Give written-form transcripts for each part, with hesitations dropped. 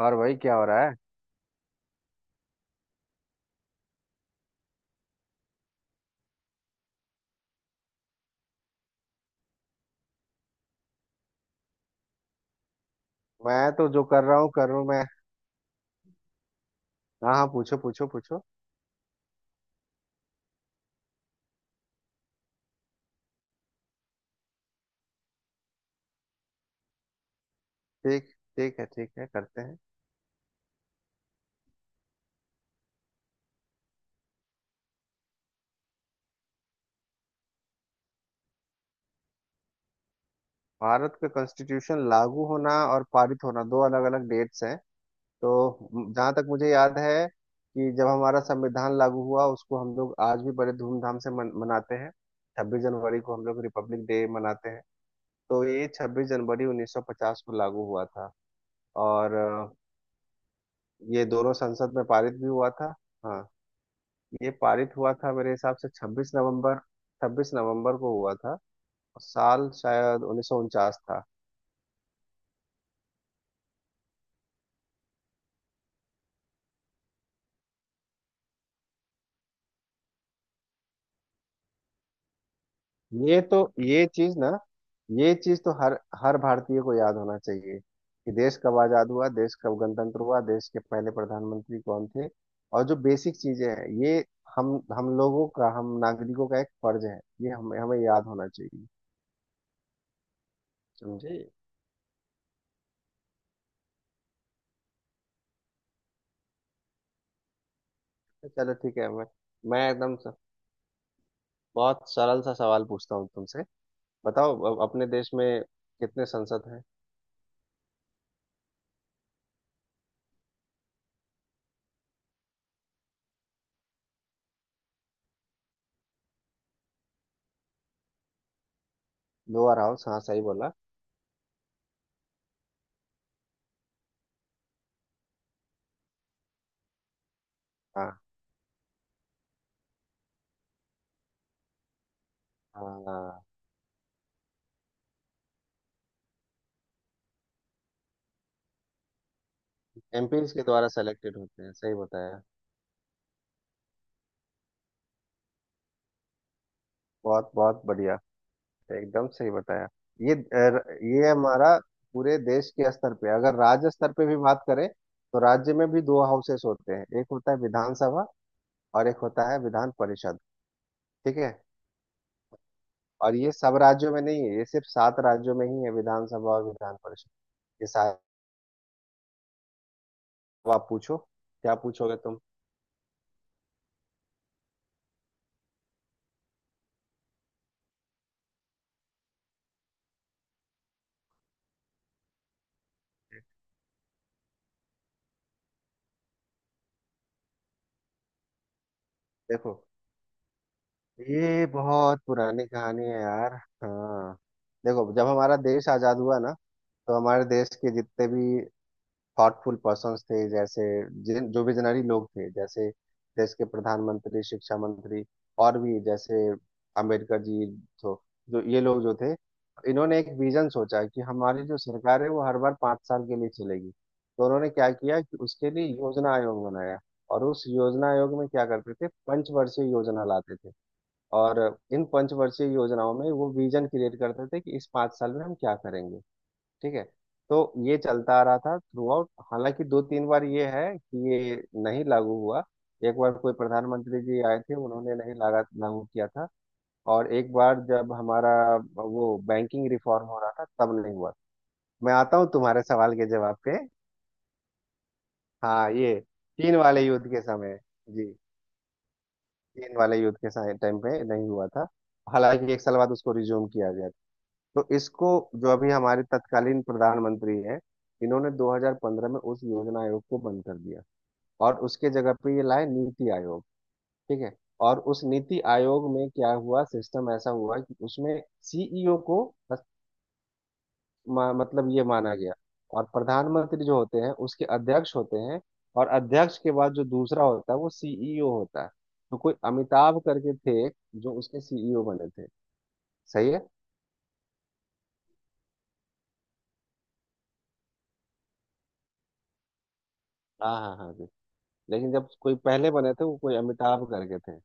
और भाई क्या हो रहा है? मैं तो जो कर रहा हूँ मैं। हाँ हाँ, पूछो पूछो पूछो। ठीक ठीक है, ठीक है, करते हैं। भारत का कॉन्स्टिट्यूशन लागू होना और पारित होना दो अलग अलग डेट्स हैं। तो जहाँ तक मुझे याद है कि जब हमारा संविधान लागू हुआ, उसको हम लोग आज भी बड़े धूमधाम से मनाते हैं। छब्बीस जनवरी को हम लोग रिपब्लिक डे मनाते हैं। तो ये 26 जनवरी 1950 को लागू हुआ था। और ये दोनों संसद में पारित भी हुआ था। हाँ, ये पारित हुआ था मेरे हिसाब से 26 नवंबर। 26 नवंबर को हुआ था। और साल शायद 1949 था। ये तो, ये चीज ना, ये चीज तो हर हर भारतीय को याद होना चाहिए कि देश कब आजाद हुआ, देश कब गणतंत्र हुआ, देश के पहले प्रधानमंत्री कौन थे। और जो बेसिक चीजें हैं ये, हम हम लोगों का, हम नागरिकों का एक फर्ज है। ये हमें हमें याद होना चाहिए। समझे? चलो ठीक है। मैं एकदम बहुत सरल सा सवाल पूछता हूँ तुमसे। बताओ, अब अपने देश में कितने सांसद हैं? लोअर हाउस, हाँ, सही बोला। हाँ हाँ, एमपीज के द्वारा सेलेक्टेड होते हैं, सही बताया। बहुत बहुत बढ़िया, एकदम सही बताया। ये हमारा पूरे देश के स्तर पे, अगर राज्य स्तर पे भी बात करें, तो राज्य में भी दो हाउसेस होते हैं। एक होता है विधानसभा और एक होता है विधान परिषद। ठीक है। और ये सब राज्यों में नहीं है, ये सिर्फ सात राज्यों में ही है विधानसभा और विधान परिषद, ये सात। अब आप पूछो। क्या पूछोगे तुम? देखो, ये बहुत पुरानी कहानी है यार। हाँ, देखो, जब हमारा देश आजाद हुआ ना, तो हमारे देश के जितने भी थॉटफुल पर्सन्स थे, जैसे जिन जो विजनरी लोग थे, जैसे देश के प्रधानमंत्री, शिक्षा मंत्री, और भी जैसे अंबेडकर जी, जो जो ये लोग जो थे, इन्होंने एक विजन सोचा कि हमारी जो सरकार है वो हर बार 5 साल के लिए चलेगी, तो उन्होंने क्या किया कि उसके लिए योजना आयोग बनाया। और उस योजना आयोग में क्या करते थे, पंचवर्षीय योजना लाते थे। और इन पंचवर्षीय योजनाओं में वो विजन क्रिएट करते थे कि इस 5 साल में हम क्या करेंगे। ठीक है। तो ये चलता आ रहा था थ्रू आउट, हालांकि दो तीन बार ये है कि ये नहीं लागू हुआ। एक बार कोई प्रधानमंत्री जी आए थे, उन्होंने नहीं लगा लागू किया था। और एक बार जब हमारा वो बैंकिंग रिफॉर्म हो रहा था, तब नहीं हुआ। मैं आता हूँ तुम्हारे सवाल के जवाब पे। हाँ, ये चीन वाले युद्ध के समय, जी, चीन वाले युद्ध के टाइम पे नहीं हुआ था। हालांकि एक साल बाद उसको रिज्यूम किया गया। तो इसको, जो अभी हमारे तत्कालीन प्रधानमंत्री हैं, इन्होंने 2015 में उस योजना आयोग को बंद कर दिया और उसके जगह पे ये लाए नीति आयोग। ठीक है। और उस नीति आयोग में क्या हुआ, सिस्टम ऐसा हुआ कि उसमें सीईओ को बस- मतलब ये माना गया। और प्रधानमंत्री जो होते हैं उसके अध्यक्ष होते हैं। और अध्यक्ष के बाद जो दूसरा होता है वो सीईओ होता है। तो कोई अमिताभ करके थे जो उसके सीईओ बने थे। सही है। हाँ हाँ हाँ, लेकिन जब कोई पहले बने थे, वो कोई अमिताभ करके थे।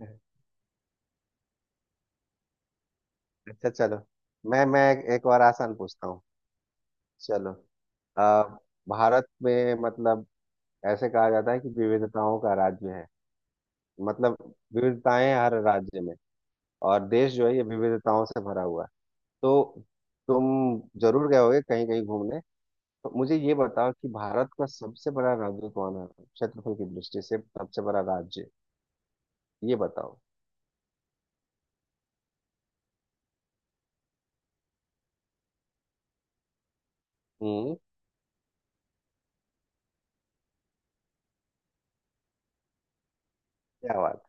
अच्छा चलो, मैं एक और आसान पूछता हूँ। चलो, आ, भारत में, मतलब ऐसे कहा जाता है कि विविधताओं का राज्य है, मतलब विविधताएं हर राज्य में और देश जो है ये विविधताओं से भरा हुआ है। तो तुम जरूर गए होगे कहीं कहीं घूमने। तो मुझे ये बताओ कि भारत का सबसे बड़ा राज्य कौन है? क्षेत्रफल की दृष्टि से सबसे बड़ा राज्य, ये बताओ। हम्म क्या बात,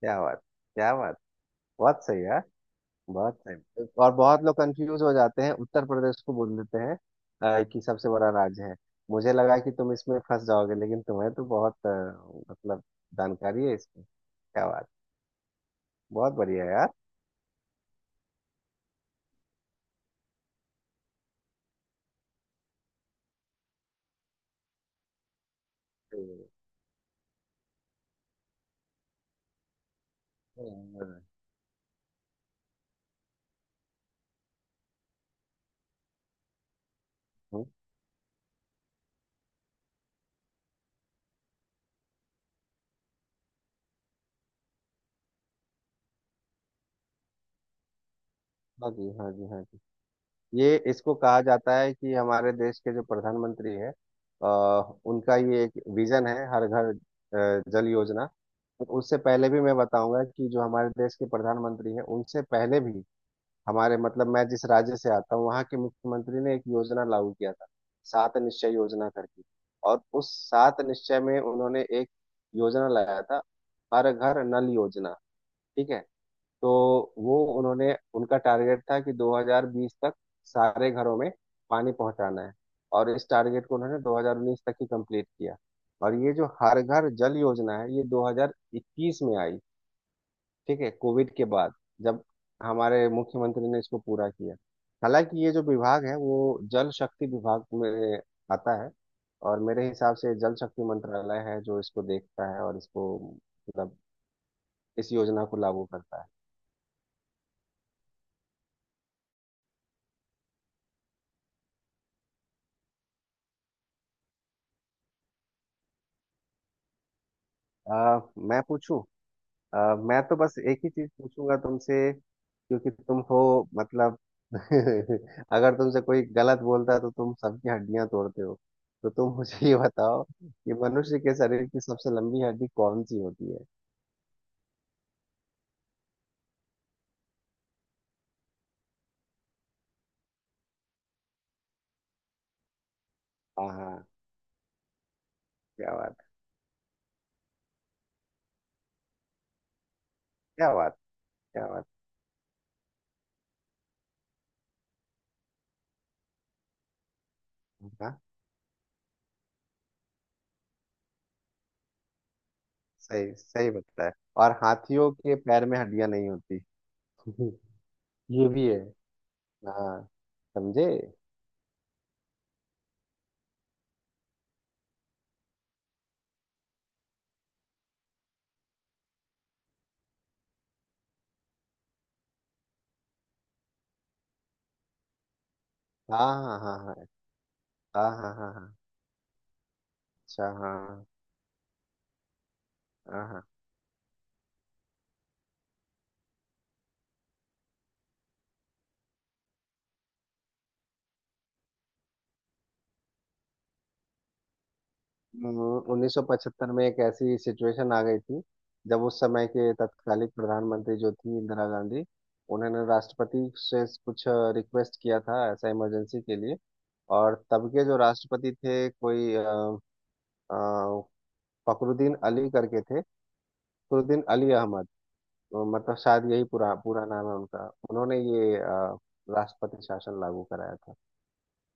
क्या बात, क्या बात, बहुत सही है। बहुत सही। और बहुत लोग कंफ्यूज हो जाते हैं, उत्तर प्रदेश को बोल देते हैं कि सबसे बड़ा राज्य है। मुझे लगा कि तुम इसमें फंस जाओगे, लेकिन तुम्हें तो बहुत मतलब जानकारी है इसमें, क्या बात। बहुत बढ़िया यार। तो, अ, हाँ जी, हाँ जी, हाँ जी। ये इसको कहा जाता है कि हमारे देश के जो प्रधानमंत्री हैं, उनका ये एक विजन है, हर घर जल योजना। उससे पहले भी मैं बताऊंगा कि जो हमारे देश के प्रधानमंत्री हैं उनसे पहले भी हमारे, मतलब मैं जिस राज्य से आता हूँ, वहाँ के मुख्यमंत्री ने एक योजना लागू किया था, सात निश्चय योजना करके। और उस सात निश्चय में उन्होंने एक योजना लाया था, हर घर नल योजना। ठीक है। तो वो उन्होंने, उनका टारगेट था कि 2020 तक सारे घरों में पानी पहुंचाना है। और इस टारगेट को उन्होंने 2019 तक ही कंप्लीट किया। और ये जो हर घर जल योजना है ये 2021 में आई। ठीक है, कोविड के बाद जब हमारे मुख्यमंत्री ने इसको पूरा किया। हालांकि ये जो विभाग है वो जल शक्ति विभाग में आता है, और मेरे हिसाब से जल शक्ति मंत्रालय है जो इसको देखता है और इसको, मतलब इस योजना को लागू करता है। आ, मैं पूछूं। मैं तो बस एक ही चीज पूछूंगा तुमसे, क्योंकि तुम हो, मतलब, अगर तुमसे कोई गलत बोलता है तो तुम सबकी हड्डियां तोड़ते हो, तो तुम मुझे ये बताओ कि मनुष्य के शरीर की सबसे लंबी हड्डी कौन सी होती है। हाँ हाँ, क्या बात है, क्या बात, क्या बात। हाँ, सही सही बताया है। और हाथियों के पैर में हड्डियां नहीं होती। ये भी है, हाँ। समझे? हाँ हाँ हाँ हाँ हाँ, हाँ हाँ हाँ। अच्छा, हाँ, हाँ हाँ। 1975 में एक ऐसी सिचुएशन आ गई थी जब उस समय के तत्कालीन प्रधानमंत्री जो थी, इंदिरा गांधी, उन्होंने राष्ट्रपति से कुछ रिक्वेस्ट किया था ऐसा, इमरजेंसी के लिए। और तब के जो राष्ट्रपति थे, कोई अ, फखरुद्दीन अली करके थे, फखरुद्दीन अली अहमद। तो मतलब शायद यही पूरा पूरा नाम है उनका। उन्होंने ये राष्ट्रपति शासन लागू कराया था।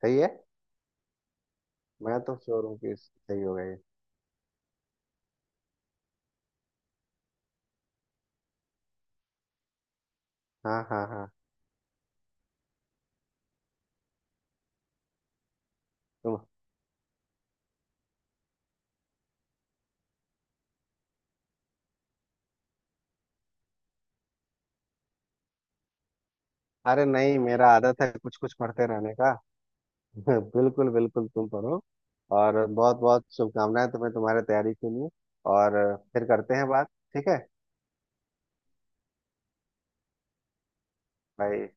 सही है। मैं तो श्योर हूँ कि सही होगा ये। हाँ हाँ हाँ। तुम। अरे नहीं, मेरा आदत है कुछ कुछ पढ़ते रहने का। बिल्कुल बिल्कुल, तुम पढ़ो। और बहुत बहुत शुभकामनाएं तुम्हें तुम्हारे तैयारी के लिए। और फिर करते हैं बात। ठीक है भाई।